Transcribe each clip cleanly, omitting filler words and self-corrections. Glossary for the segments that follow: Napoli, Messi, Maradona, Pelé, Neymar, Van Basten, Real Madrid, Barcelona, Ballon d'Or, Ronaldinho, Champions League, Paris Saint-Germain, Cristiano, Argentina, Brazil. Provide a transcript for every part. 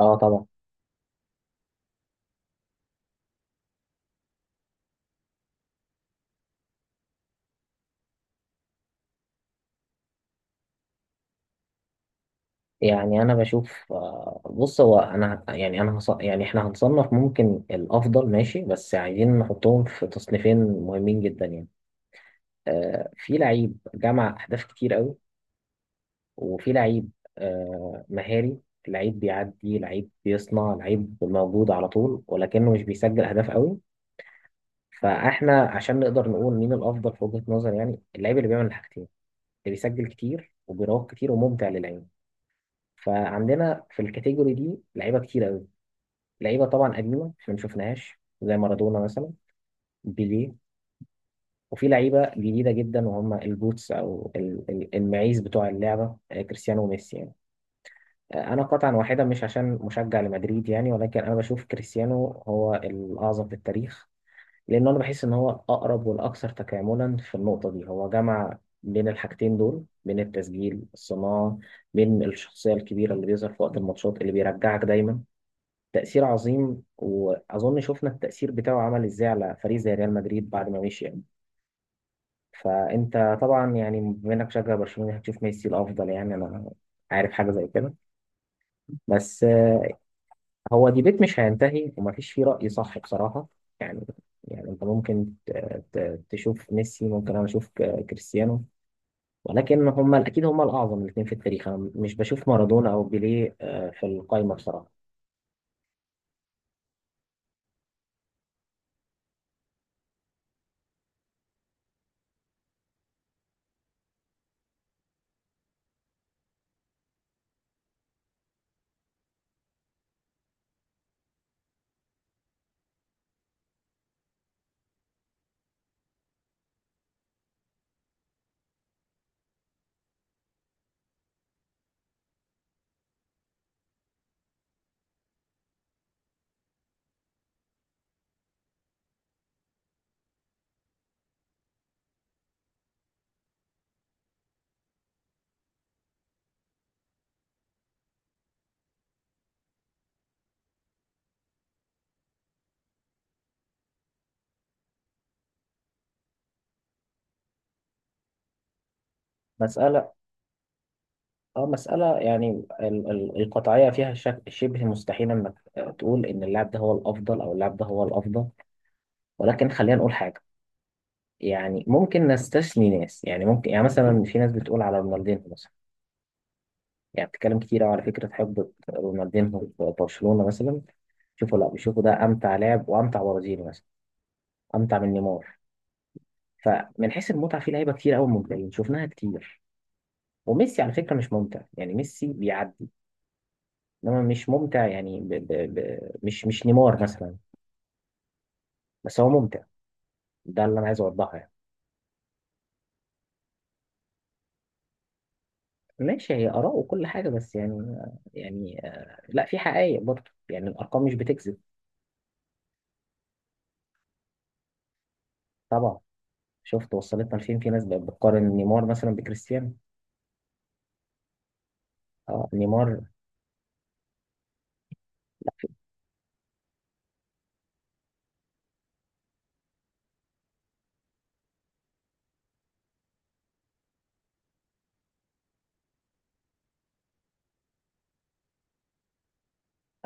اه، طبعا. يعني انا بشوف، بص. هو انا يعني يعني احنا هنصنف ممكن الافضل، ماشي، بس عايزين نحطهم في تصنيفين مهمين جدا يعني. في لعيب جمع اهداف كتير قوي، وفي لعيب مهاري. لعيب بيعدي، لعيب بيصنع، لعيب موجود على طول ولكنه مش بيسجل اهداف قوي. فاحنا عشان نقدر نقول مين الافضل في وجهة نظر، يعني اللعيب اللي بيعمل الحاجتين، اللي بيسجل كتير وبيراوغ كتير وممتع للعين. فعندنا في الكاتيجوري دي لعيبه كتير قوي. لعيبه طبعا قديمه احنا ما شفناهاش، زي مارادونا مثلا، بيليه. وفي لعيبه جديده جدا، وهم البوتس او المعيز بتوع اللعبه، كريستيانو وميسي يعني. انا قطعا واحده، مش عشان مشجع لمدريد يعني، ولكن انا بشوف كريستيانو هو الاعظم في التاريخ. لان انا بحس ان هو الاقرب والاكثر تكاملا في النقطه دي. هو جمع بين الحاجتين دول، بين التسجيل الصناعه، بين الشخصيه الكبيره اللي بيظهر في وقت الماتشات اللي بيرجعك دايما. تأثير عظيم، وأظن شفنا التأثير بتاعه عمل إزاي على فريق زي ريال مدريد بعد ما مشي يعني. فأنت طبعا يعني بما إنك مشجع برشلونة يعني هتشوف ميسي الأفضل، يعني أنا عارف حاجة زي كده. بس هو ديبيت مش هينتهي ومفيش فيه رأي صح بصراحة. يعني، يعني أنت ممكن تشوف ميسي، ممكن أنا أشوف كريستيانو، ولكن هما أكيد هما الأعظم الاتنين في التاريخ. أنا مش بشوف مارادونا أو بيليه في القايمة بصراحة. مسألة، اه، مسألة يعني القطعية فيها شبه مستحيل انك تقول ان اللاعب ده هو الافضل او اللاعب ده هو الافضل. ولكن خلينا نقول حاجة. يعني ممكن نستثني ناس، يعني ممكن يعني مثلا في ناس بتقول على رونالدينهو مثلا، يعني بتتكلم كتير أوي على فكرة حقبة رونالدينهو في برشلونة مثلا. شوفوا، لا، بيشوفوا ده امتع لاعب وامتع برازيلي مثلا، امتع من نيمار. فمن حيث المتعة في لعيبة كتير قوي ممتعين شفناها كتير. وميسي على فكرة مش ممتع، يعني ميسي بيعدي، انما مش ممتع، يعني مش نيمار مثلا، بس هو ممتع. ده اللي انا عايز اوضحه يعني. ماشي، هي اراء وكل حاجه، بس يعني، يعني لا، في حقائق برضه، يعني الارقام مش بتكذب. طبعا. شفت وصلتنا لفين، في ناس بقت بتقارن نيمار مثلا بكريستيانو. اه، نيمار.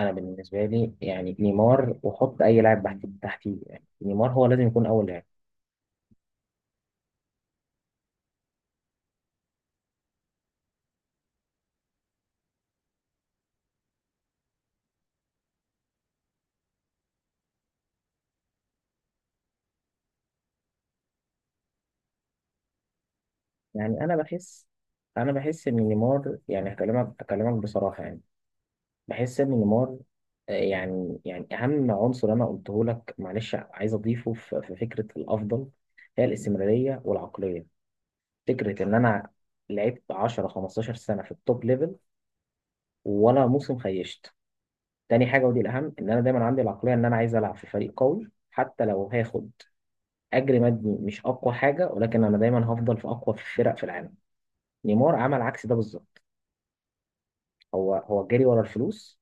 انا بالنسبه لي، يعني نيمار وحط اي لاعب تحت تحتيه، يعني نيمار هو لازم يكون اول لاعب. يعني انا بحس ان نيمار، يعني هكلمك بصراحه، يعني بحس ان نيمار، يعني اهم عنصر انا قلته لك معلش عايز اضيفه في فكره الافضل، هي الاستمراريه والعقليه. فكره ان انا لعبت 10 15 سنه في التوب ليفل، ولا موسم خيشت. تاني حاجه، ودي الاهم، ان انا دايما عندي العقليه ان انا عايز العب في فريق قوي حتى لو هاخد اجر مادي مش اقوى حاجه، ولكن انا دايما هفضل في اقوى فرق في العالم. نيمار عمل عكس ده بالظبط. هو جري ورا الفلوس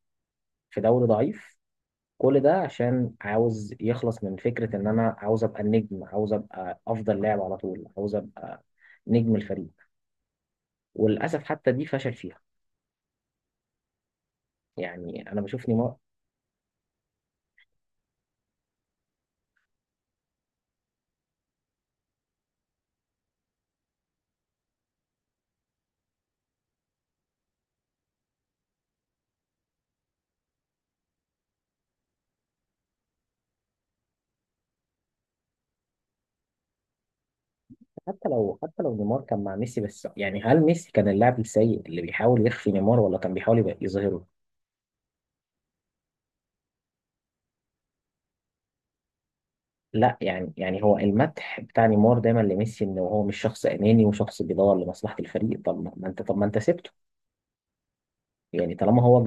في دوري ضعيف. كل ده عشان عاوز يخلص من فكرة إن أنا عاوز أبقى النجم، عاوز أبقى أفضل لاعب على طول، عاوز أبقى نجم الفريق. وللأسف حتى دي فشل فيها. يعني أنا بشوف نيمار. حتى لو، حتى لو نيمار كان مع ميسي، بس يعني هل ميسي كان اللاعب السيء اللي بيحاول يخفي نيمار، ولا كان بيحاول يبقى يظهره؟ لا يعني، يعني هو المدح بتاع نيمار دايما لميسي إن هو مش شخص أناني وشخص بيدور لمصلحة الفريق. طب ما أنت، طب ما أنت سبته، يعني طالما هو،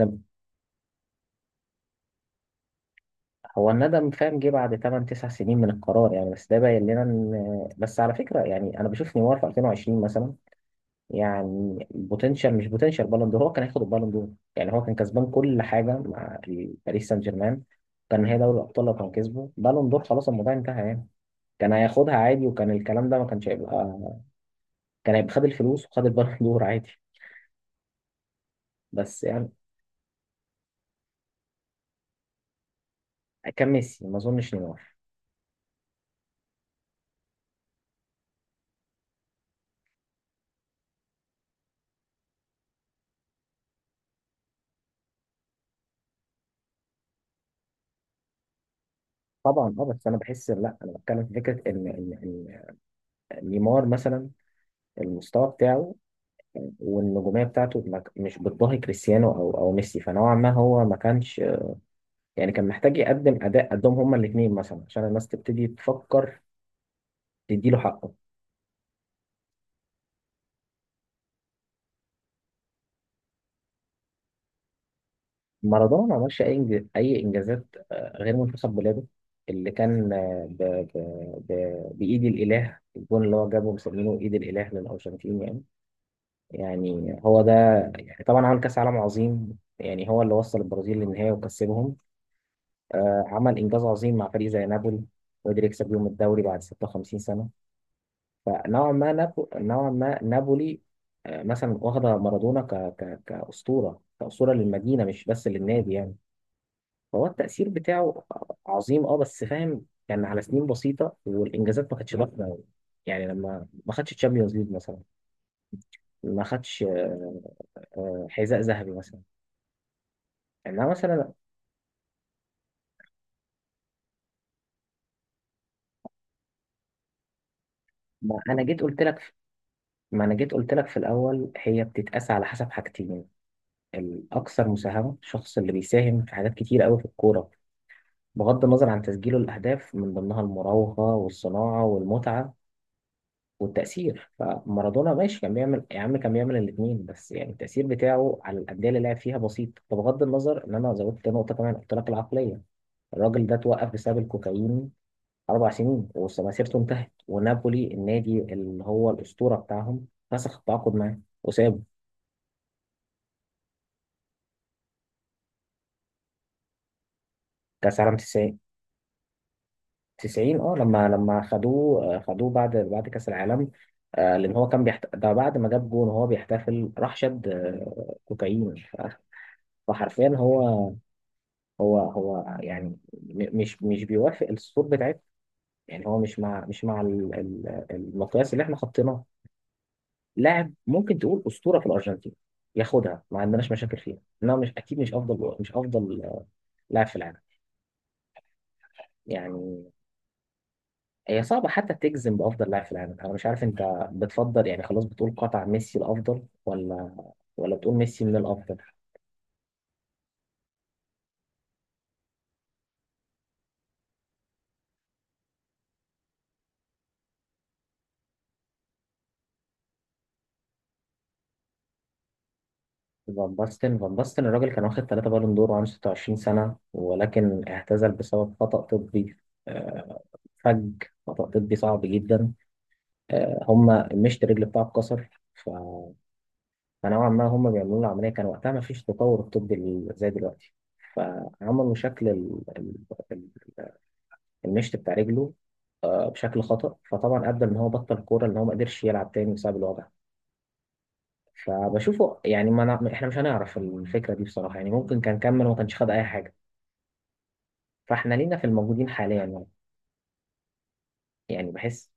هو الندم فاهم جه بعد 8 9 سنين من القرار يعني. بس ده باين لنا ان، بس على فكره يعني انا بشوف نيمار في 2020 مثلا، يعني بوتنشال، مش بوتنشال، بالون دور، هو كان هياخد البالون دور. يعني هو كان كسبان كل حاجه مع باريس سان جيرمان، كان هي دوري الابطال، لو كان كسبه بالون دور خلاص الموضوع انتهى يعني. كان هياخدها عادي، وكان الكلام ده ما كانش هيبقى. كان هيبقى خد الفلوس وخد البالون دور عادي. بس يعني كان ميسي ما اظنش نيمار. طبعا، اه، بس انا بحس، لا، انا بتكلم في فكره ان إن نيمار مثلا، المستوى بتاعه والنجومية بتاعته ما ك- مش بتضاهي كريستيانو أو ميسي. فنوعا ما هو ما كانش، يعني كان محتاج يقدم أداء قدهم هما الاتنين مثلا عشان الناس تبتدي تفكر تديله حقه. مارادونا ما عملش أي أي إنجازات غير منتخب بلاده، اللي كان بإيد الإله، الجون اللي هو جابه مسمينه إيد الإله للأرجنتين يعني. يعني هو ده. يعني طبعا عمل كأس عالم عظيم، يعني هو اللي وصل البرازيل للنهاية وكسبهم. عمل إنجاز عظيم مع فريق زي نابولي، وقدر يكسب بيهم الدوري بعد 56 سنة. فنوعا ما نوعا ما نابولي مثلا واخدة مارادونا كأسطورة، كأسطورة للمدينة مش بس للنادي يعني. فهو التأثير بتاعه عظيم، اه، بس فاهم كان على سنين بسيطة والإنجازات ما كانتش ضخمة أوي. يعني لما ما خدش تشامبيونز ليج مثلا، ما خدش حذاء ذهبي مثلا، انما مثلا، ما انا جيت قلت لك، ما انا جيت قلت لك في الاول هي بتتقاس على حسب حاجتين. الأكثر مساهمة، الشخص اللي بيساهم في حاجات كتير قوي في الكورة بغض النظر عن تسجيله الأهداف، من ضمنها المراوغة والصناعة والمتعة والتأثير. فمارادونا ماشي، كان بيعمل يا عم كان بيعمل الاتنين، بس يعني التأثير بتاعه على الأندية اللي لعب فيها بسيط. فبغض النظر إن أنا زودت نقطة كمان قلت لك العقلية، الراجل ده اتوقف بسبب الكوكايين أربع سنين ومسيرته انتهت، ونابولي النادي اللي هو الأسطورة بتاعهم فسخ التعاقد معاه وسابه. كأس عالم 90، 90 اه، لما خدوه، خدوه بعد كأس العالم. لأن هو كان ده بعد ما جاب جون وهو بيحتفل راح شد كوكايين. فحرفيا هو، هو يعني مش بيوافق الصور بتاعتنا، يعني هو مش مع المقياس اللي احنا حطيناه. لاعب ممكن تقول أسطورة في الأرجنتين، ياخدها ما عندناش مشاكل فيها، انما مش اكيد، مش افضل، مش افضل لاعب في العالم. يعني هي صعبة حتى تجزم بأفضل لاعب في العالم. أنا مش عارف أنت بتفضل يعني خلاص بتقول قطع ميسي الأفضل، ولا ولا بتقول ميسي من الأفضل. فان باستن الراجل كان واخد ثلاثة بالون دور وعنده 26 سنة، ولكن اعتزل بسبب خطأ طبي. آه، فج، خطأ طبي صعب جدا. هما مشط الرجل بتاعه اتكسر. فنوعا ما هما بيعملوا له عملية، كان وقتها ما فيش تطور الطبي زي دلوقتي، فعملوا شكل المشط بتاع رجله بشكل خطأ. فطبعا ادى ان هو بطل الكوره، ان هو ما قدرش يلعب تاني بسبب الوضع. فبشوفه يعني ما نع- احنا مش هنعرف الفكره دي بصراحه، يعني ممكن كان كمل وما كانش خد اي حاجه. فاحنا لينا في الموجودين حاليا يعني. يعني بحس،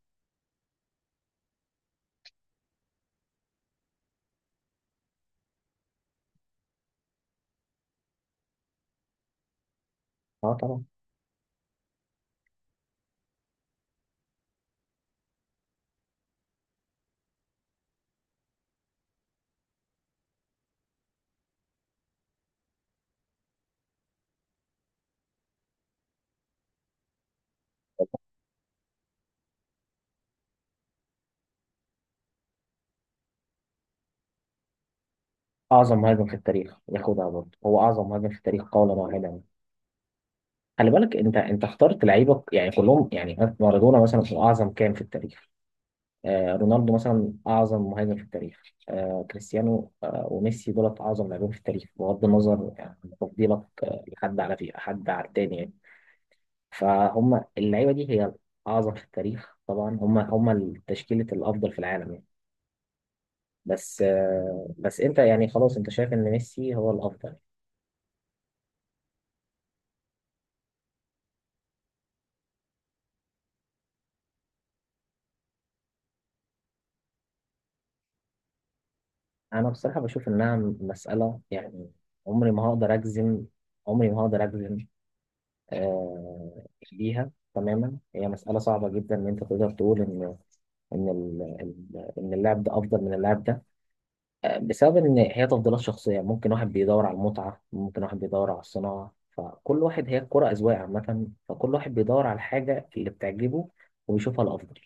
اه طبعا. اعظم مهاجم في التاريخ ياخدها برضه، هو اعظم مهاجم في التاريخ قولا واحدا. خلي بالك انت اخترت لعيبه يعني كلهم، يعني مارادونا مثلا هو اعظم كام في التاريخ، رونالدو مثلا اعظم مهاجم في التاريخ، كريستيانو وميسي دولت اعظم لاعبين في التاريخ، بغض النظر يعني عن تفضيلك لحد على، في حد على التاني يعني. فهم اللعيبه دي هي الاعظم في التاريخ، طبعا هم تشكيله الافضل في العالم يعني. بس بس انت يعني خلاص انت شايف ان ميسي هو الافضل. انا بصراحه بشوف انها مساله يعني، عمري ما هقدر اجزم، عمري ما هقدر اجزم آه، ليها تماما. هي مسألة صعبة جدا إن أنت تقدر تقول إن، إن إن اللاعب ده أفضل من اللاعب ده بسبب إن هي تفضيلات شخصية. ممكن واحد بيدور على المتعة، ممكن واحد بيدور على الصناعة، فكل واحد، هي الكرة أذواق عامة، فكل واحد بيدور على الحاجة اللي بتعجبه وبيشوفها الأفضل.